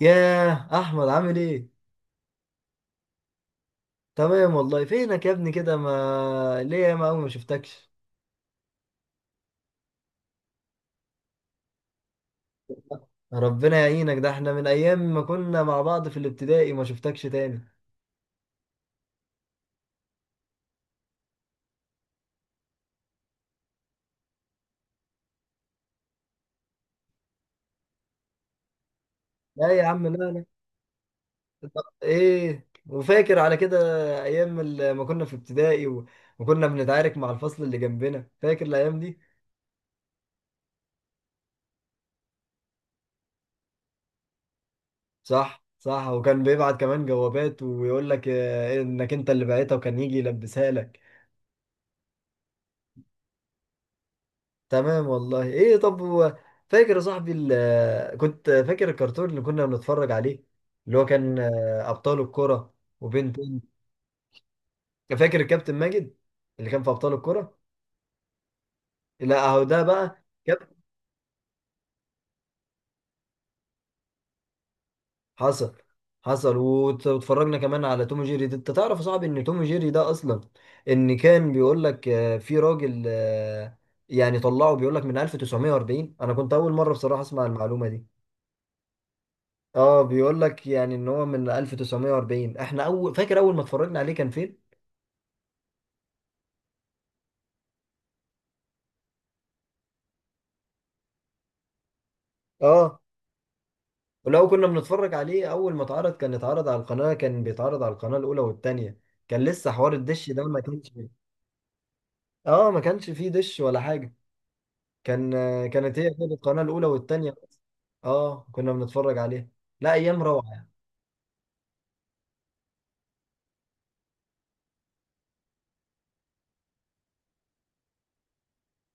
ياه احمد عامل ايه؟ تمام والله. فينك يا ابني كده؟ ما ليه يا ما شفتكش. ربنا يعينك، ده احنا من ايام ما كنا مع بعض في الابتدائي ما شفتكش تاني. لا يا عم لا. لا طب ايه وفاكر على كده؟ ايام ما كنا في ابتدائي وكنا بنتعارك مع الفصل اللي جنبنا، فاكر الايام دي؟ صح صح، وكان بيبعت كمان جوابات ويقول لك انك انت اللي بعتها وكان يجي يلبسها لك. تمام والله. ايه طب هو فاكر يا صاحبي كنت فاكر الكرتون اللي كنا بنتفرج عليه؟ اللي هو كان ابطال الكرة وبنتين. فاكر الكابتن ماجد اللي كان في ابطال الكرة؟ لا اهو ده بقى كابتن. حصل. حصل واتفرجنا كمان على توم جيري. ده انت تعرف يا صاحبي ان توم جيري ده اصلا ان كان بيقول لك في راجل يعني طلعه بيقول لك من 1940. انا كنت اول مرة بصراحة اسمع المعلومة دي. اه بيقول لك يعني ان هو من 1940. احنا اول فاكر اول ما اتفرجنا عليه كان فين؟ اه. ولو كنا بنتفرج عليه اول ما اتعرض، كان اتعرض على القناة، كان بيتعرض على القناة الاولى والتانية. كان لسه حوار الدش ده ما كانش. اه ما كانش فيه دش ولا حاجة. كان كانت هي كده القناة الاولى والتانية. اه كنا بنتفرج عليه. لا ايام روعة يعني.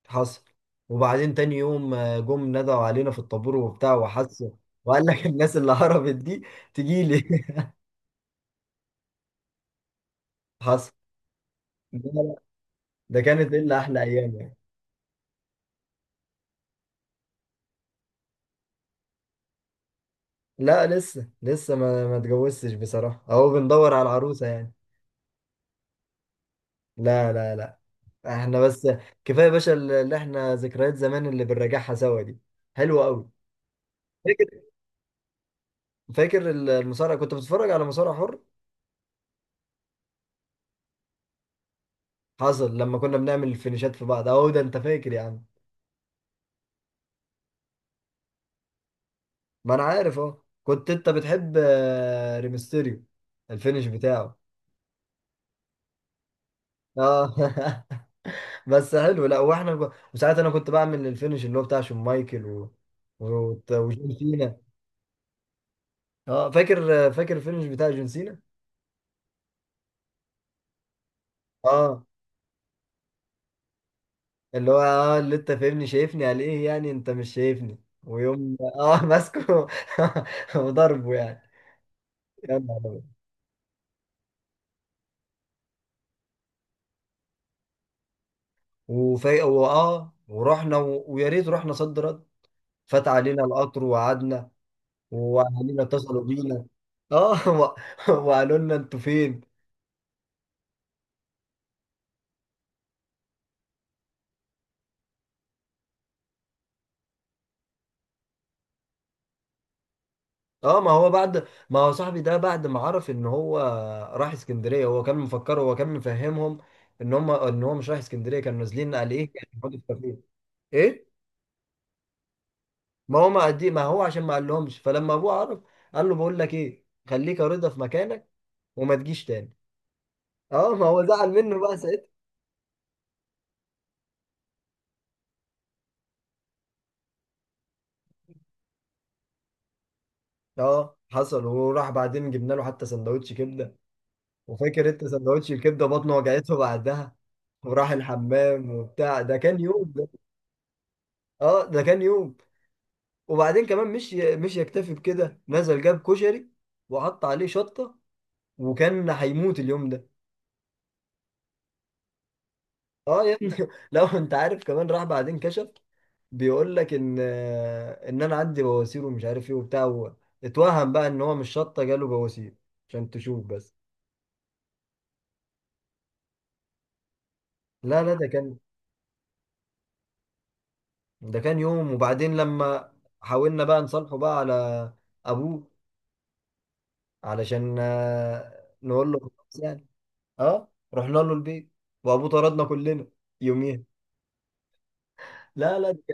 حصل. وبعدين تاني يوم جم ندعوا علينا في الطابور وبتاع وحسوا، وقال لك الناس اللي هربت دي تجيلي. حصل. ده كانت الا احلى ايام يعني. لا لسه، لسه ما اتجوزتش بصراحه، اهو بندور على العروسه يعني. لا لا لا، احنا بس كفايه يا باشا اللي احنا ذكريات زمان اللي بنراجعها سوا دي حلوه قوي. فاكر، فاكر المصارعه كنت بتتفرج على مصارع حر؟ حصل، لما كنا بنعمل الفينيشات في بعض، اهو ده انت فاكر يا عم. ما انا عارف اهو. كنت انت بتحب ريمستيريو، الفينيش بتاعه. اه. بس حلو. لا واحنا وساعات انا كنت بعمل الفينش اللي هو بتاع شون مايكل و... وجون سينا. اه فاكر، فاكر الفينش بتاع جون سينا؟ اه اللي هو اه اللي انت فاهمني شايفني على ايه يعني، انت مش شايفني. ويوم اه ماسكه وضربه يعني. يا نهار أبيض. وفي واه ورحنا ويا ريت رحنا، صد رد. فات علينا القطر وقعدنا، واهالينا اتصلوا بينا. اه و... وقالوا لنا انتوا فين. اه ما هو بعد ما هو صاحبي ده بعد ما عرف ان هو راح اسكندريه، هو كان مفكر هو كان مفهمهم ان هم ان هو مش رايح اسكندريه، كانوا نازلين قال ايه يعني يقعدوا في كافيه. ايه؟ ما هو ما قدي ما هو عشان ما قالهمش، فلما ابوه عرف قال له بقول لك ايه، خليك يا رضا في مكانك وما تجيش تاني. اه ما هو زعل منه بقى ساعتها. اه حصل. وراح بعدين جبنا له حتى سندوتش كبده، وفاكر انت سندوتش الكبده بطنه وجعته بعدها وراح الحمام وبتاع، ده كان يوم ده. اه ده كان يوم. وبعدين كمان مش يكتفي بكده، نزل جاب كشري وحط عليه شطة، وكان هيموت اليوم ده. اه يا ابني لو انت عارف كمان، راح بعدين كشف بيقول لك ان انا عندي بواسير ومش عارف ايه وبتاع اتوهم بقى ان هو مش شطة جاله بواسير، عشان تشوف بس. لا لا ده كان، ده كان يوم. وبعدين لما حاولنا بقى نصالحه بقى على ابوه، علشان نقول له خلاص يعني. اه رحنا له البيت وابوه طردنا كلنا يوميها. لا لا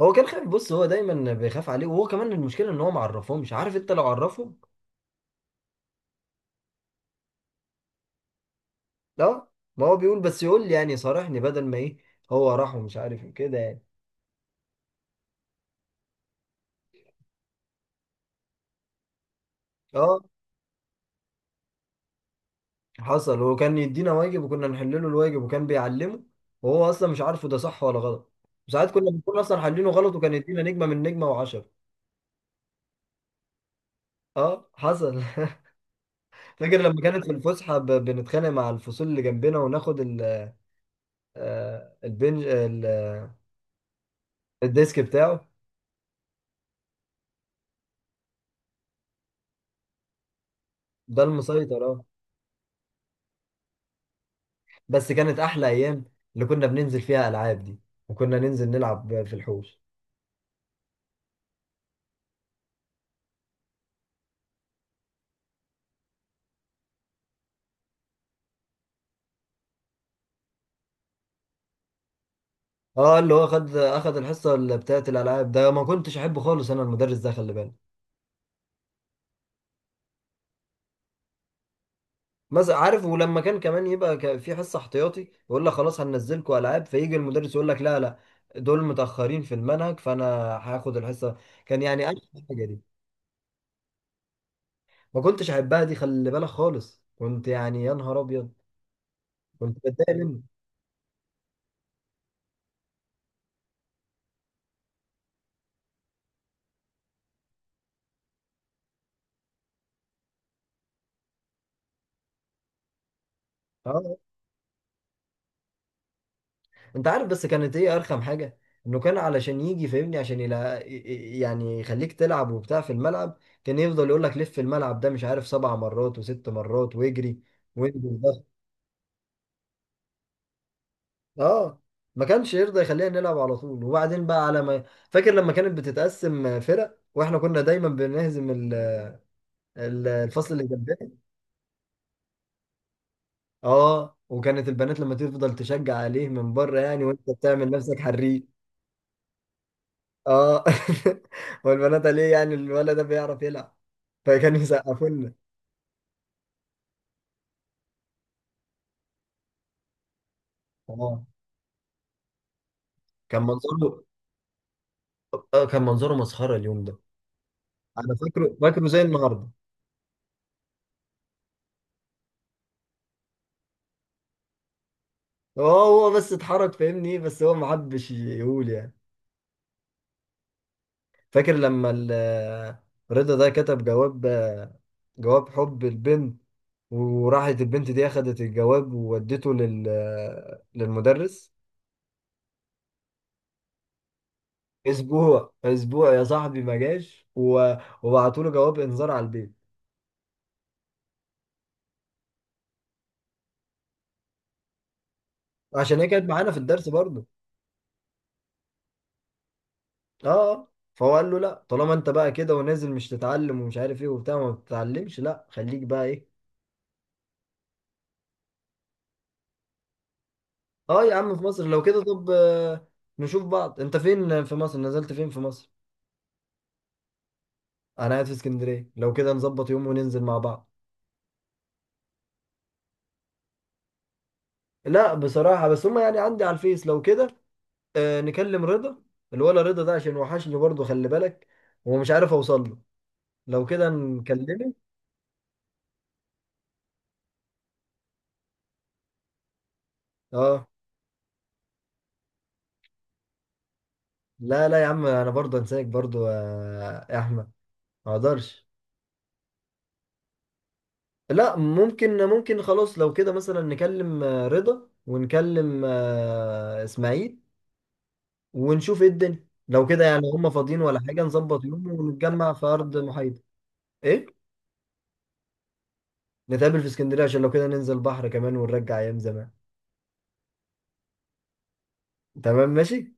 هو كان خايف. بص، هو دايما بيخاف عليه، وهو كمان المشكله ان هو ما عرفهمش، عارف انت لو عرفهم. لا ما هو بيقول بس يقول لي يعني صارحني، بدل ما ايه هو راح ومش عارف إيه كده يعني. اه حصل، وكان يدينا واجب وكنا نحل له الواجب وكان بيعلمه وهو اصلا مش عارفه ده صح ولا غلط، وساعات كنا بنكون اصلا حلينه غلط وكان يدينا نجمه من نجمه وعشرة. اه حصل. فاكر لما كانت في الفسحه بنتخانق مع الفصول اللي جنبنا وناخد البنج الديسك بتاعه. ده المسيطر اه. بس كانت احلى ايام اللي كنا بننزل فيها العاب دي، وكنا ننزل نلعب في الحوش. اه اللي هو خد اخد الحصه اللي بتاعت الالعاب، ده ما كنتش احبه خالص انا المدرس ده، خلي بالك. بس عارف، ولما كان كمان يبقى في حصه احتياطي يقول لك خلاص هننزلكوا العاب، فيجي المدرس يقول لك لا لا، دول متاخرين في المنهج فانا هاخد الحصه. كان يعني انا الحاجه دي ما كنتش احبها دي، خلي بالك خالص، كنت يعني يا نهار ابيض، كنت بتضايق منه. اه. انت عارف بس كانت ايه ارخم حاجه، انه كان علشان يجي فاهمني عشان يلا، يعني يخليك تلعب وبتاع في الملعب، كان يفضل يقول لك لف الملعب ده مش عارف سبع مرات وست مرات واجري وانجز ضغط. اه. ما كانش يرضى يخلينا نلعب على طول. وبعدين بقى على ما، فاكر لما كانت بتتقسم فرق واحنا كنا دايما بنهزم الفصل اللي جنبنا. اه، وكانت البنات لما تفضل تشجع عليه من بره يعني وانت بتعمل نفسك حريف. اه. والبنات ليه يعني الولد ده بيعرف يلعب، فكانوا يسقفوا لنا. اه كان منظره، كان منظره مسخره اليوم ده. انا فاكره، فاكره زي النهارده. هو هو بس اتحرك فاهمني، بس هو ما حبش يقول يعني. فاكر لما رضا ده كتب جواب، جواب حب البنت، وراحت البنت دي اخدت الجواب وودته لل للمدرس. اسبوع، اسبوع يا صاحبي ما جاش وبعتوا له جواب انذار على البيت. عشان هي كانت معانا في الدرس برضه. اه آه. فهو قال له لا طالما انت بقى كده ونازل مش تتعلم ومش عارف ايه وبتاع، ما بتتعلمش لا خليك بقى ايه. اه يا عم في مصر لو كده. طب نشوف بعض، انت فين في مصر، نزلت فين في مصر؟ انا قاعد في اسكندريه، لو كده نظبط يوم وننزل مع بعض. لا بصراحه، بس هما يعني عندي على الفيس، لو كده آه نكلم رضا. الولا رضا ده عشان وحشني برضه، خلي بالك، ومش عارف اوصل له، لو كده نكلمه. اه. لا لا يا عم انا برضه انساك برضه يا احمد، ما اقدرش. لا ممكن ممكن خلاص، لو كده مثلا نكلم رضا ونكلم اسماعيل، ونشوف ايه الدنيا. لو كده يعني هم فاضيين ولا حاجة، نظبط يوم ونتجمع في أرض محايدة. ايه؟ نتقابل في اسكندرية عشان لو كده ننزل بحر كمان ونرجع أيام زمان. تمام ماشي.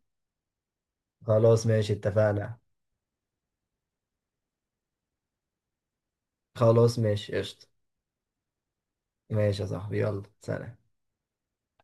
خلاص ماشي اتفقنا. خلاص ماشي قشطة. ماشي يا صاحبي، يلا سلام.